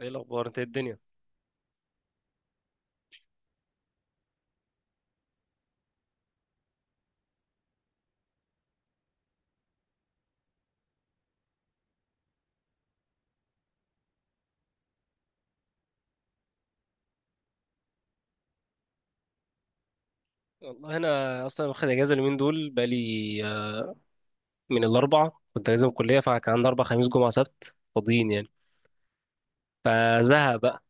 ايه الاخبار؟ انت إيه الدنيا؟ والله انا اصلا واخد اجازه اليومين دول بقالي. آه، من الاربع كنت اجازه من الكليه، فكان عندي اربع: خميس، جمعه، سبت فاضيين يعني. فزهق بقى.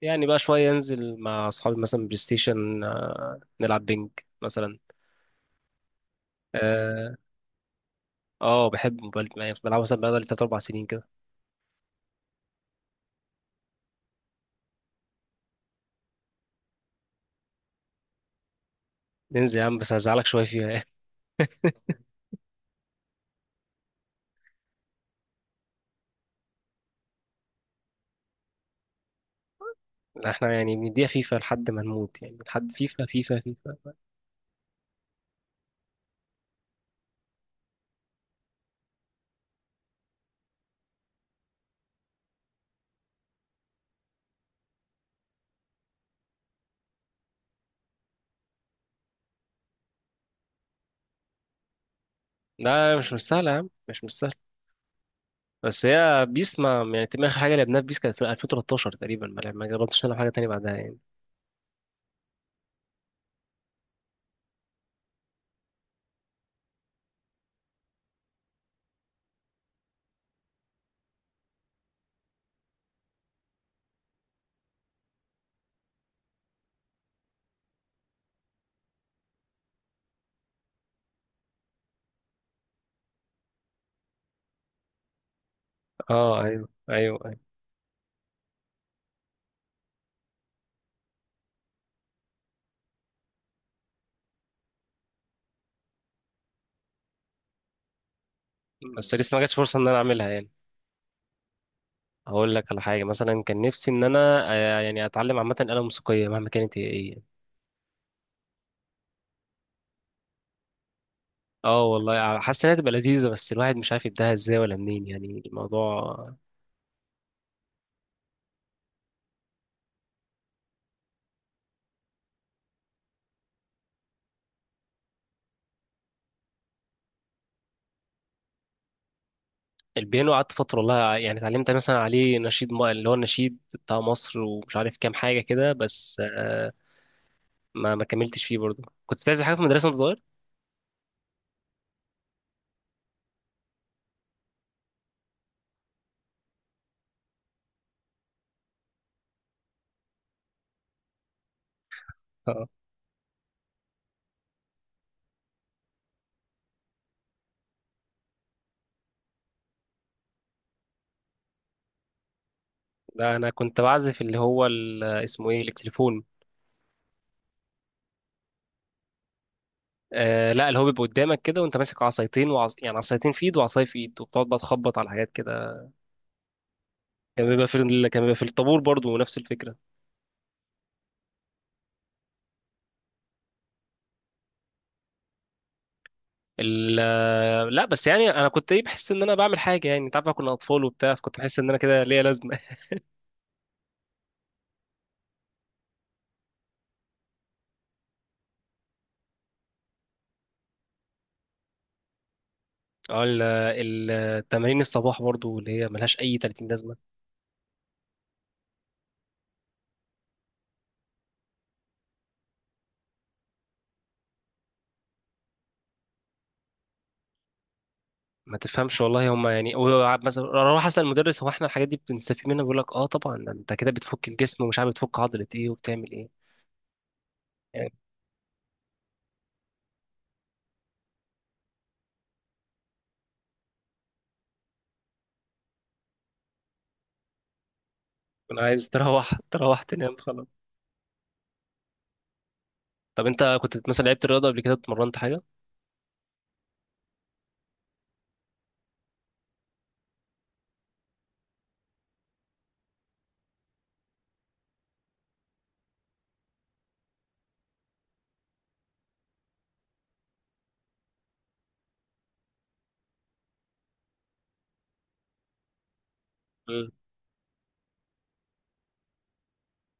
يعني بقى شويه انزل مع اصحابي مثلا بلاي ستيشن، نلعب بينج مثلا. اه، بحب موبايل، يعني بلعبه مثلا بقالي تلات اربع سنين كده. ننزل يا عم، بس هزعلك شويه فيها يعني. احنا يعني بنديها فيفا لحد ما نموت، يعني لحد فيفا فيفا فيفا. لا، مش مستاهله يا عم، مش مستاهله. بس هي بيس، ما يعني تقريباً اخر حاجه لعبناها في بيس كانت في 2013 تقريبا، ما جربتش نلعب حاجه تانية بعدها يعني. اه، ايوه ايوه ايوه. بس لسه ما جاتش فرصه ان انا اعملها يعني. هقول لك على حاجه مثلا، كان نفسي ان انا، يعني اتعلم عامه آلة موسيقيه مهما كانت هي ايه يعني. اه والله، حاسس انها تبقى لذيذه، بس الواحد مش عارف يبداها ازاي ولا منين يعني الموضوع. البيانو قعدت فتره والله، يعني اتعلمت مثلا عليه نشيد اللي هو النشيد بتاع مصر ومش عارف كام حاجه كده، بس ما كملتش فيه برضه. كنت بتعزف حاجه في المدرسه وانت صغير؟ لا، انا كنت بعزف اللي هو اسمه ايه، التليفون. آه لا، اللي هو بيبقى قدامك كده وانت ماسك عصايتين يعني عصايتين في ايد وعصايه في ايد، وبتقعد بقى تخبط على حاجات كده. كان بيبقى في الطابور برضو نفس الفكره. ال... آه، لا بس يعني انا كنت ايه، بحس ان انا بعمل حاجه، يعني انت عارف بقى كنا اطفال وبتاع، فكنت بحس ان انا كده ليا لازمه. اه، التمارين الصباح برضو اللي هي ملهاش اي 30 لازمه. ما تفهمش والله هم، يعني هو مثلا اروح اسال المدرس: هو احنا الحاجات دي بنستفيد منها؟ بيقول لك اه طبعا، ده انت كده بتفك الجسم ومش عارف بتفك عضله ايه وبتعمل ايه. يعني، انا عايز تروح تنام خلاص. طب انت كنت مثلا لعبت رياضه قبل كده؟ اتمرنت حاجه؟ امم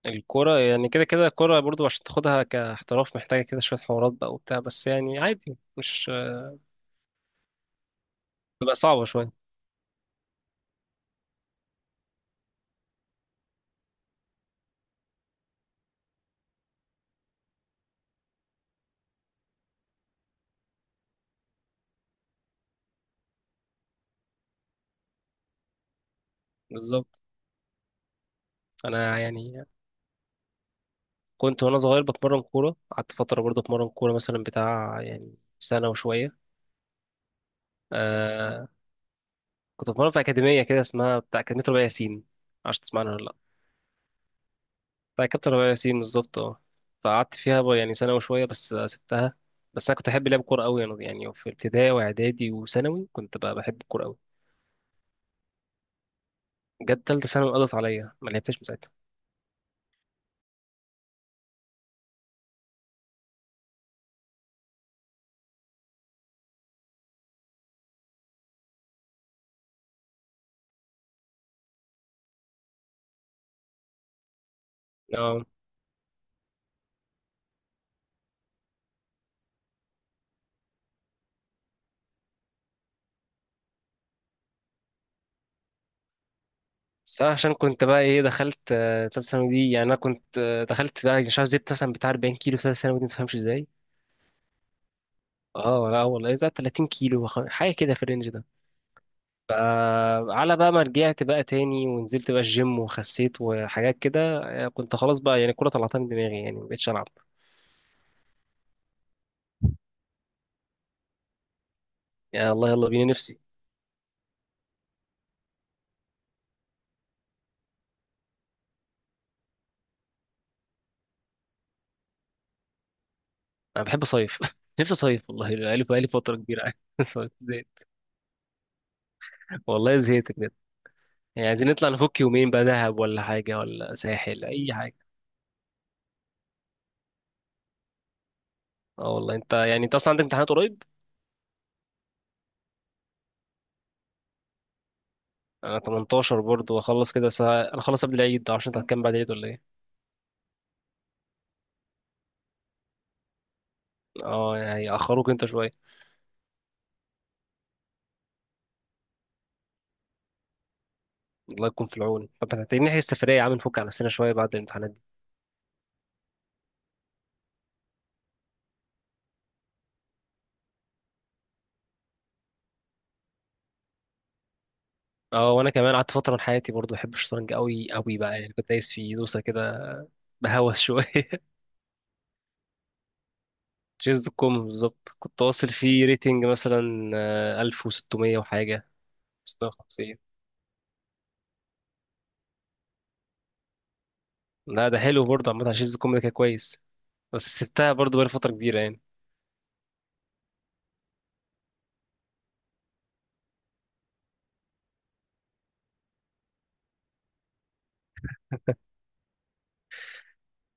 الكوره يعني كده كده، الكوره برضو عشان تاخدها كاحتراف محتاجه كده شويه حوارات بقى وبتاع، بس يعني عادي مش. بتبقى صعبه شويه. بالظبط. انا يعني كنت وانا صغير بتمرن كوره، قعدت فتره برضو اتمرن كوره مثلا بتاع يعني سنه وشويه. آه كنت بتمرن في اكاديميه كده اسمها بتاع اكاديميه ربيع ياسين، معرفش تسمعنا ولا لا. بتاع كابتن ربيع ياسين بالظبط، اه. فقعدت فيها بقى يعني سنة وشوية بس سبتها. بس أنا كنت أحب لعب كورة أوي، يعني في ابتدائي وإعدادي وثانوي كنت بقى بحب الكورة أوي. جت تالتة ثانوي قضت عليا، ما لعبتش من ساعتها. اه، بس أنا عشان كنت بقى إيه، دخلت تالتة ثانوي دي، يعني أنا كنت دخلت بقى مش عارف، زدت مثلا بتاع 40 كيلو في تالتة ثانوي دي، متفهمش إزاي. اه لا والله، زي 30 كيلو حاجه كده في الرينج ده. فعلى بقى ما رجعت بقى تاني ونزلت بقى الجيم وخسيت وحاجات كده. كنت خلاص بقى يعني الكوره طلعتها من دماغي، يعني ما بقتش العب. يا الله، يلا بينا، نفسي. انا بحب اصيف. نفسي اصيف والله، بقالي فتره كبيره قاعد. صيف، زهقت. والله زهقت بجد. يعني عايزين نطلع نفك يومين بقى، دهب ولا حاجه ولا ساحل، اي حاجه. اه والله، انت يعني انت اصلا عندك امتحانات قريب. انا 18 برضه واخلص كده، بس انا خلص قبل العيد، عشان انت هتكمل بعد العيد ولا ايه؟ اه يعني هيأخروك انت شويه. الله يكون في العون. طب هتحتاجين نحجز سفريه يا عم، نفك على نفسنا شويه بعد الامتحانات دي. اه، وانا كمان قعدت فتره من حياتي برضه بحب الشطرنج قوي قوي بقى، يعني كنت دايس في دوسه كده. بهوس شويه. تشيز دوت كوم بالظبط، كنت واصل فيه ريتنج مثلا 1600 وحاجة. 650. لا، ده حلو برضه. عامة على تشيز دوت كوم ده كان كويس. بس سبتها برضه بقالي فترة كبيرة يعني.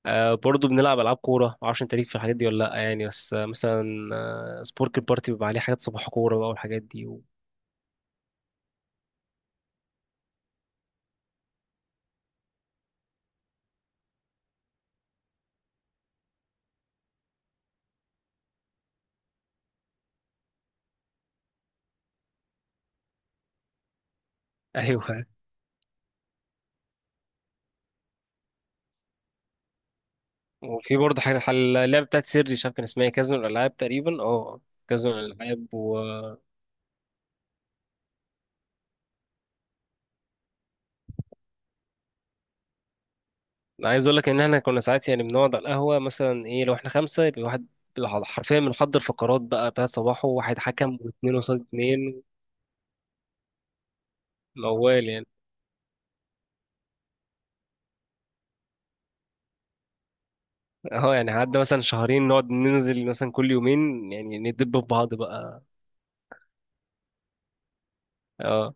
برضه بنلعب ألعاب كورة، معرفش أنت ليك في الحاجات دي ولا لأ يعني، بس مثلا سبورك البارتي بيبقى عليه حاجات صباح كورة بقى والحاجات دي و... أيوه. وفي برضه حاجة اللعبة بتاعت سيري، مش عارف كان اسمها إيه، كازينو الألعاب تقريبا. اه، كازينو الألعاب. عايز اقول لك ان احنا كنا ساعات يعني بنقعد على القهوه مثلا ايه، لو احنا خمسه يبقى واحد حرفيا بنحضر فقرات بقى بتاعت صباحه، واحد حكم واثنين قصاد اتنين، موال يعني. اه يعني قعدنا مثلا شهرين نقعد ننزل مثلا كل يومين، يعني ندب في بعض بقى. اه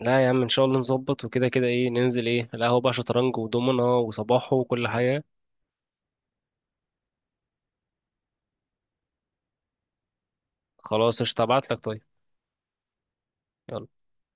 لا يا عم، ان شاء الله نظبط، وكده كده ايه، ننزل ايه القهوه بقى، شطرنج ودومنه وصباحه وكل حاجه. خلاص، قشطة، هبعتلك طيب. يلا.